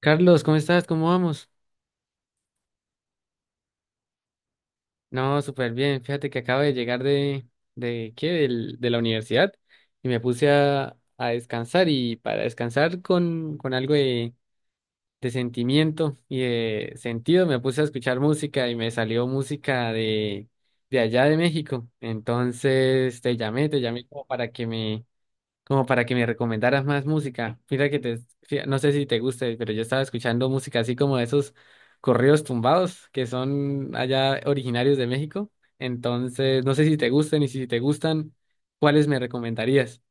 Carlos, ¿cómo estás? ¿Cómo vamos? No, súper bien. Fíjate que acabo de llegar de ¿qué? De la universidad y me puse a descansar y para descansar con algo de sentimiento y de sentido me puse a escuchar música y me salió música de allá de México. Entonces te llamé como para que como para que me recomendaras más música. Mira que te, no sé si te guste, pero yo estaba escuchando música así como de esos corridos tumbados que son allá originarios de México. Entonces, no sé si te gusten y si te gustan, ¿cuáles me recomendarías?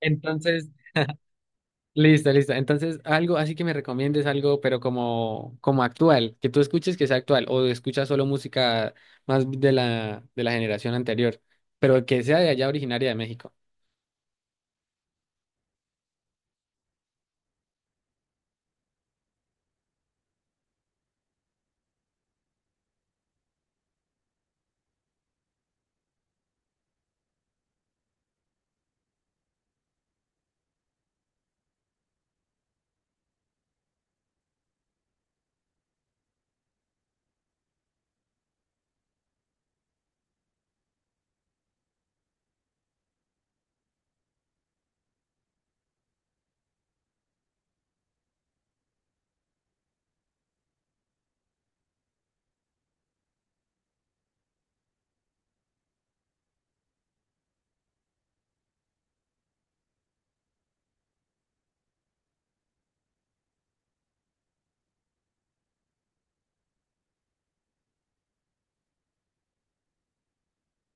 Entonces, listo, listo. Entonces, algo así que me recomiendes algo, pero como, como actual, que tú escuches que sea actual o escuchas solo música más de de la generación anterior, pero que sea de allá originaria de México.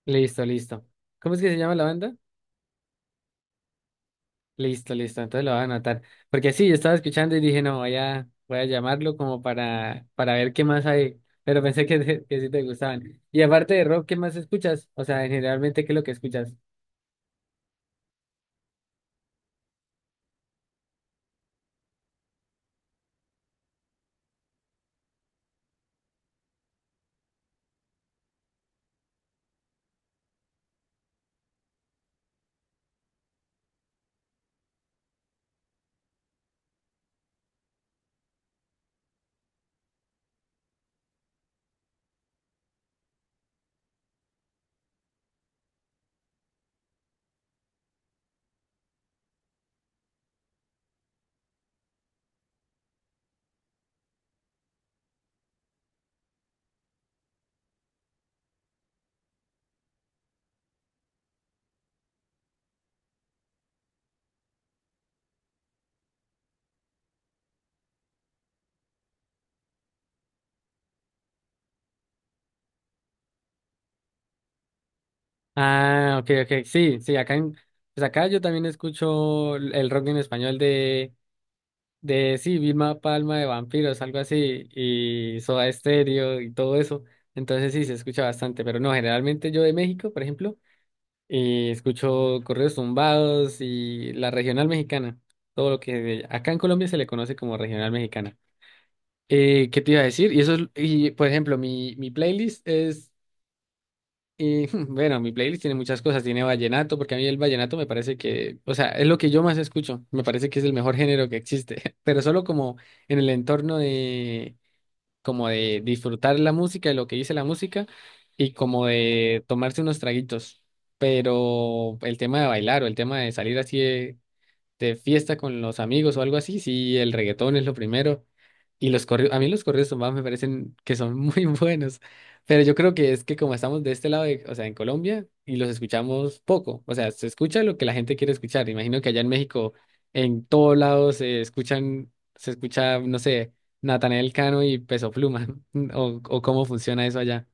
Listo, listo. ¿Cómo es que se llama la banda? Listo, listo, entonces lo voy a anotar. Porque sí, yo estaba escuchando y dije, no, voy a llamarlo como para ver qué más hay. Pero pensé que que sí te gustaban. Y aparte de rock, ¿qué más escuchas? O sea, generalmente, ¿qué es lo que escuchas? Ah, ok, ok, sí, sí, pues acá yo también escucho el rock en español sí, Vilma Palma de Vampiros, algo así, y Soda Stereo y todo eso. Entonces sí, se escucha bastante, pero no, generalmente yo de México, por ejemplo, y escucho correos tumbados y la regional mexicana, todo lo que acá en Colombia se le conoce como regional mexicana. ¿Qué te iba a decir? Y por ejemplo, mi playlist es, bueno, mi playlist tiene muchas cosas, tiene vallenato, porque a mí el vallenato me parece que, o sea, es lo que yo más escucho, me parece que es el mejor género que existe, pero solo como en el entorno como de disfrutar la música y lo que dice la música y como de tomarse unos traguitos. Pero el tema de bailar o el tema de salir así de fiesta con los amigos o algo así, sí, el reggaetón es lo primero. Y los corridos, a mí los corridos tumbados me parecen que son muy buenos, pero yo creo que es que como estamos de este lado, o sea, en Colombia, y los escuchamos poco, o sea, se escucha lo que la gente quiere escuchar. Imagino que allá en México, en todos lados se escuchan, se escucha, no sé, Natanael Cano y Peso Pluma, o cómo funciona eso allá.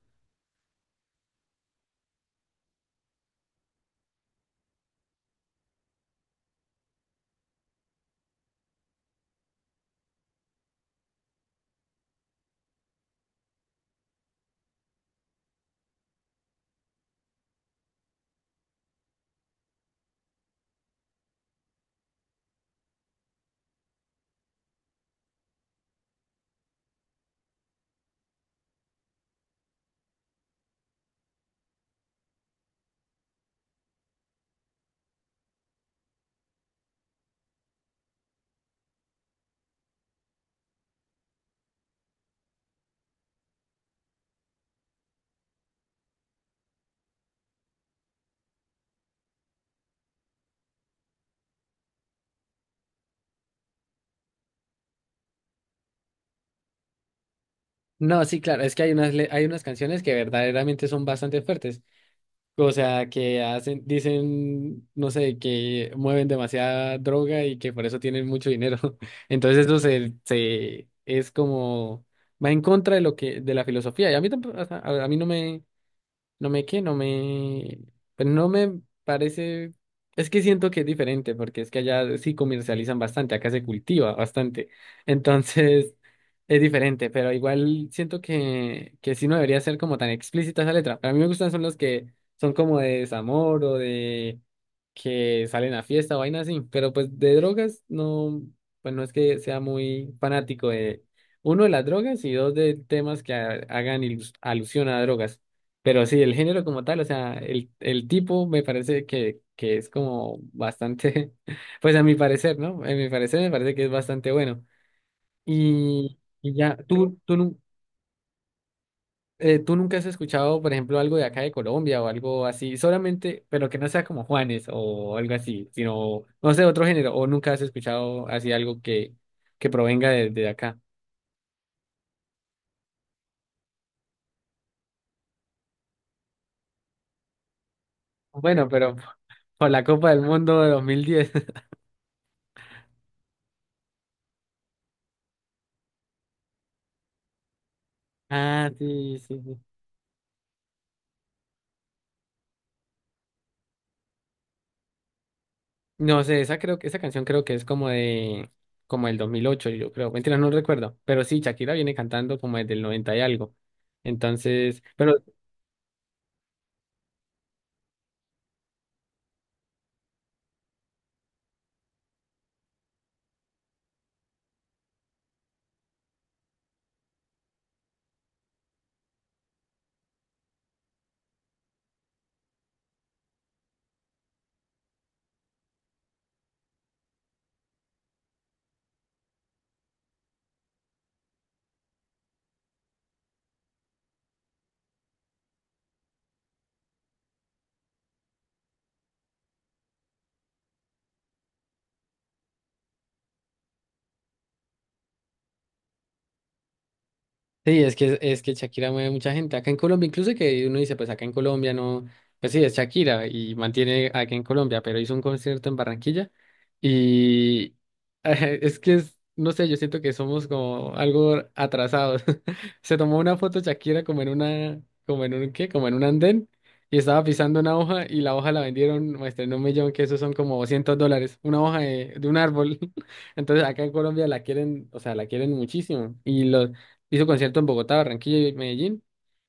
No, sí, claro, es que hay hay unas canciones que verdaderamente son bastante fuertes. O sea, que hacen, dicen, no sé, que mueven demasiada droga y que por eso tienen mucho dinero. Entonces eso se es como va en contra de lo que, de la filosofía. Y a mí tampoco, o sea, a mí no me, no me qué no me. Pero no me parece. Es que siento que es diferente, porque es que allá sí comercializan bastante, acá se cultiva bastante. Entonces, es diferente, pero igual siento que sí no debería ser como tan explícita esa letra. Para mí me gustan son los que son como de desamor o de que salen a fiesta o vaina así. Pero pues de drogas, no, pues no es que sea muy fanático de uno de las drogas y dos de temas que hagan alusión a drogas. Pero sí, el género como tal, o sea, el tipo me parece que es como bastante, pues a mi parecer, ¿no? A mi parecer me parece que es bastante bueno. Y, y ya, tú, tú, nu- eh, tú nunca has escuchado, por ejemplo, algo de acá de Colombia o algo así, solamente, pero que no sea como Juanes o algo así, sino, no sé, otro género, o nunca has escuchado así algo que provenga de acá. Bueno, pero por la Copa del Mundo de 2010 Ah, sí, sí, sí. No sé, esa creo que esa canción creo que es como de como el 2008, yo creo. Mentira, no recuerdo, pero sí Shakira viene cantando como desde el 90 y algo. Entonces, pero sí, es que Shakira mueve mucha gente. Acá en Colombia, incluso que uno dice, pues acá en Colombia no, pues sí, es Shakira y mantiene acá en Colombia, pero hizo un concierto en Barranquilla y es que es, no sé, yo siento que somos como algo atrasados. Se tomó una foto Shakira como en una, como en un, ¿qué? Como en un andén y estaba pisando una hoja y la hoja la vendieron, muestra, en 1.000.000, que eso son como $200, una hoja de un árbol. Entonces acá en Colombia la quieren, o sea, la quieren muchísimo y los hizo concierto en Bogotá, Barranquilla y Medellín.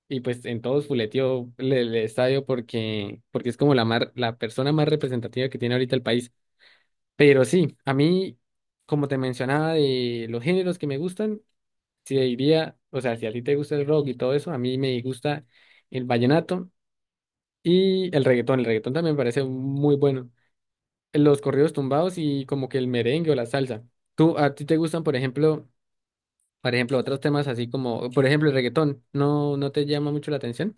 Y pues en todos fuleteó el estadio porque, porque es como la persona más representativa que tiene ahorita el país. Pero sí, a mí, como te mencionaba, de los géneros que me gustan, si diría, o sea, si a ti te gusta el rock y todo eso, a mí me gusta el vallenato y el reggaetón. El reggaetón también me parece muy bueno. Los corridos tumbados y como que el merengue o la salsa. ¿Tú, a ti te gustan, por ejemplo? Por ejemplo, otros temas así como, por ejemplo, el reggaetón, ¿no, no te llama mucho la atención?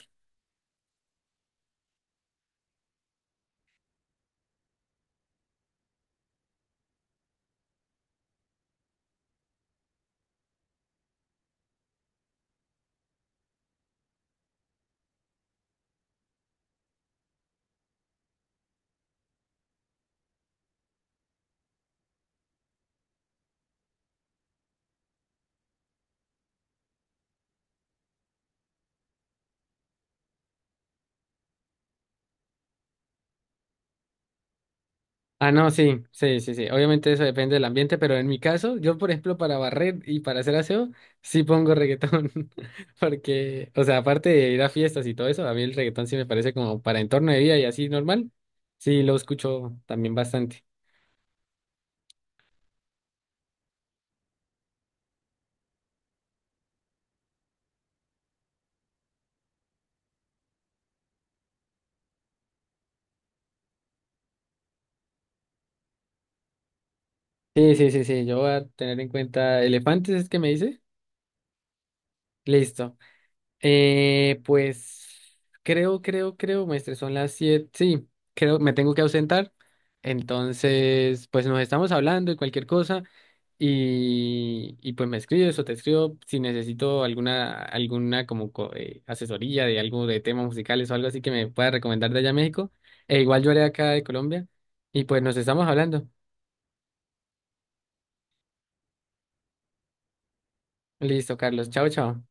Ah, no, sí, sí, sí, sí. Obviamente eso depende del ambiente, pero en mi caso, yo, por ejemplo, para barrer y para hacer aseo, sí pongo reggaetón. Porque, o sea, aparte de ir a fiestas y todo eso, a mí el reggaetón sí me parece como para entorno de vida y así normal. Sí, lo escucho también bastante. Sí, sí, sí, sí. Yo voy a tener en cuenta elefantes, es que me dice. Listo. Pues creo, maestre, son las 7. Sí, creo, me tengo que ausentar. Entonces, pues nos estamos hablando y cualquier cosa. Y pues me escribes o te escribo si necesito alguna como asesoría de algo de temas musicales o algo así que me pueda recomendar de allá a México. E igual yo haré acá de Colombia. Y pues nos estamos hablando. Listo, Carlos. Chao, chao.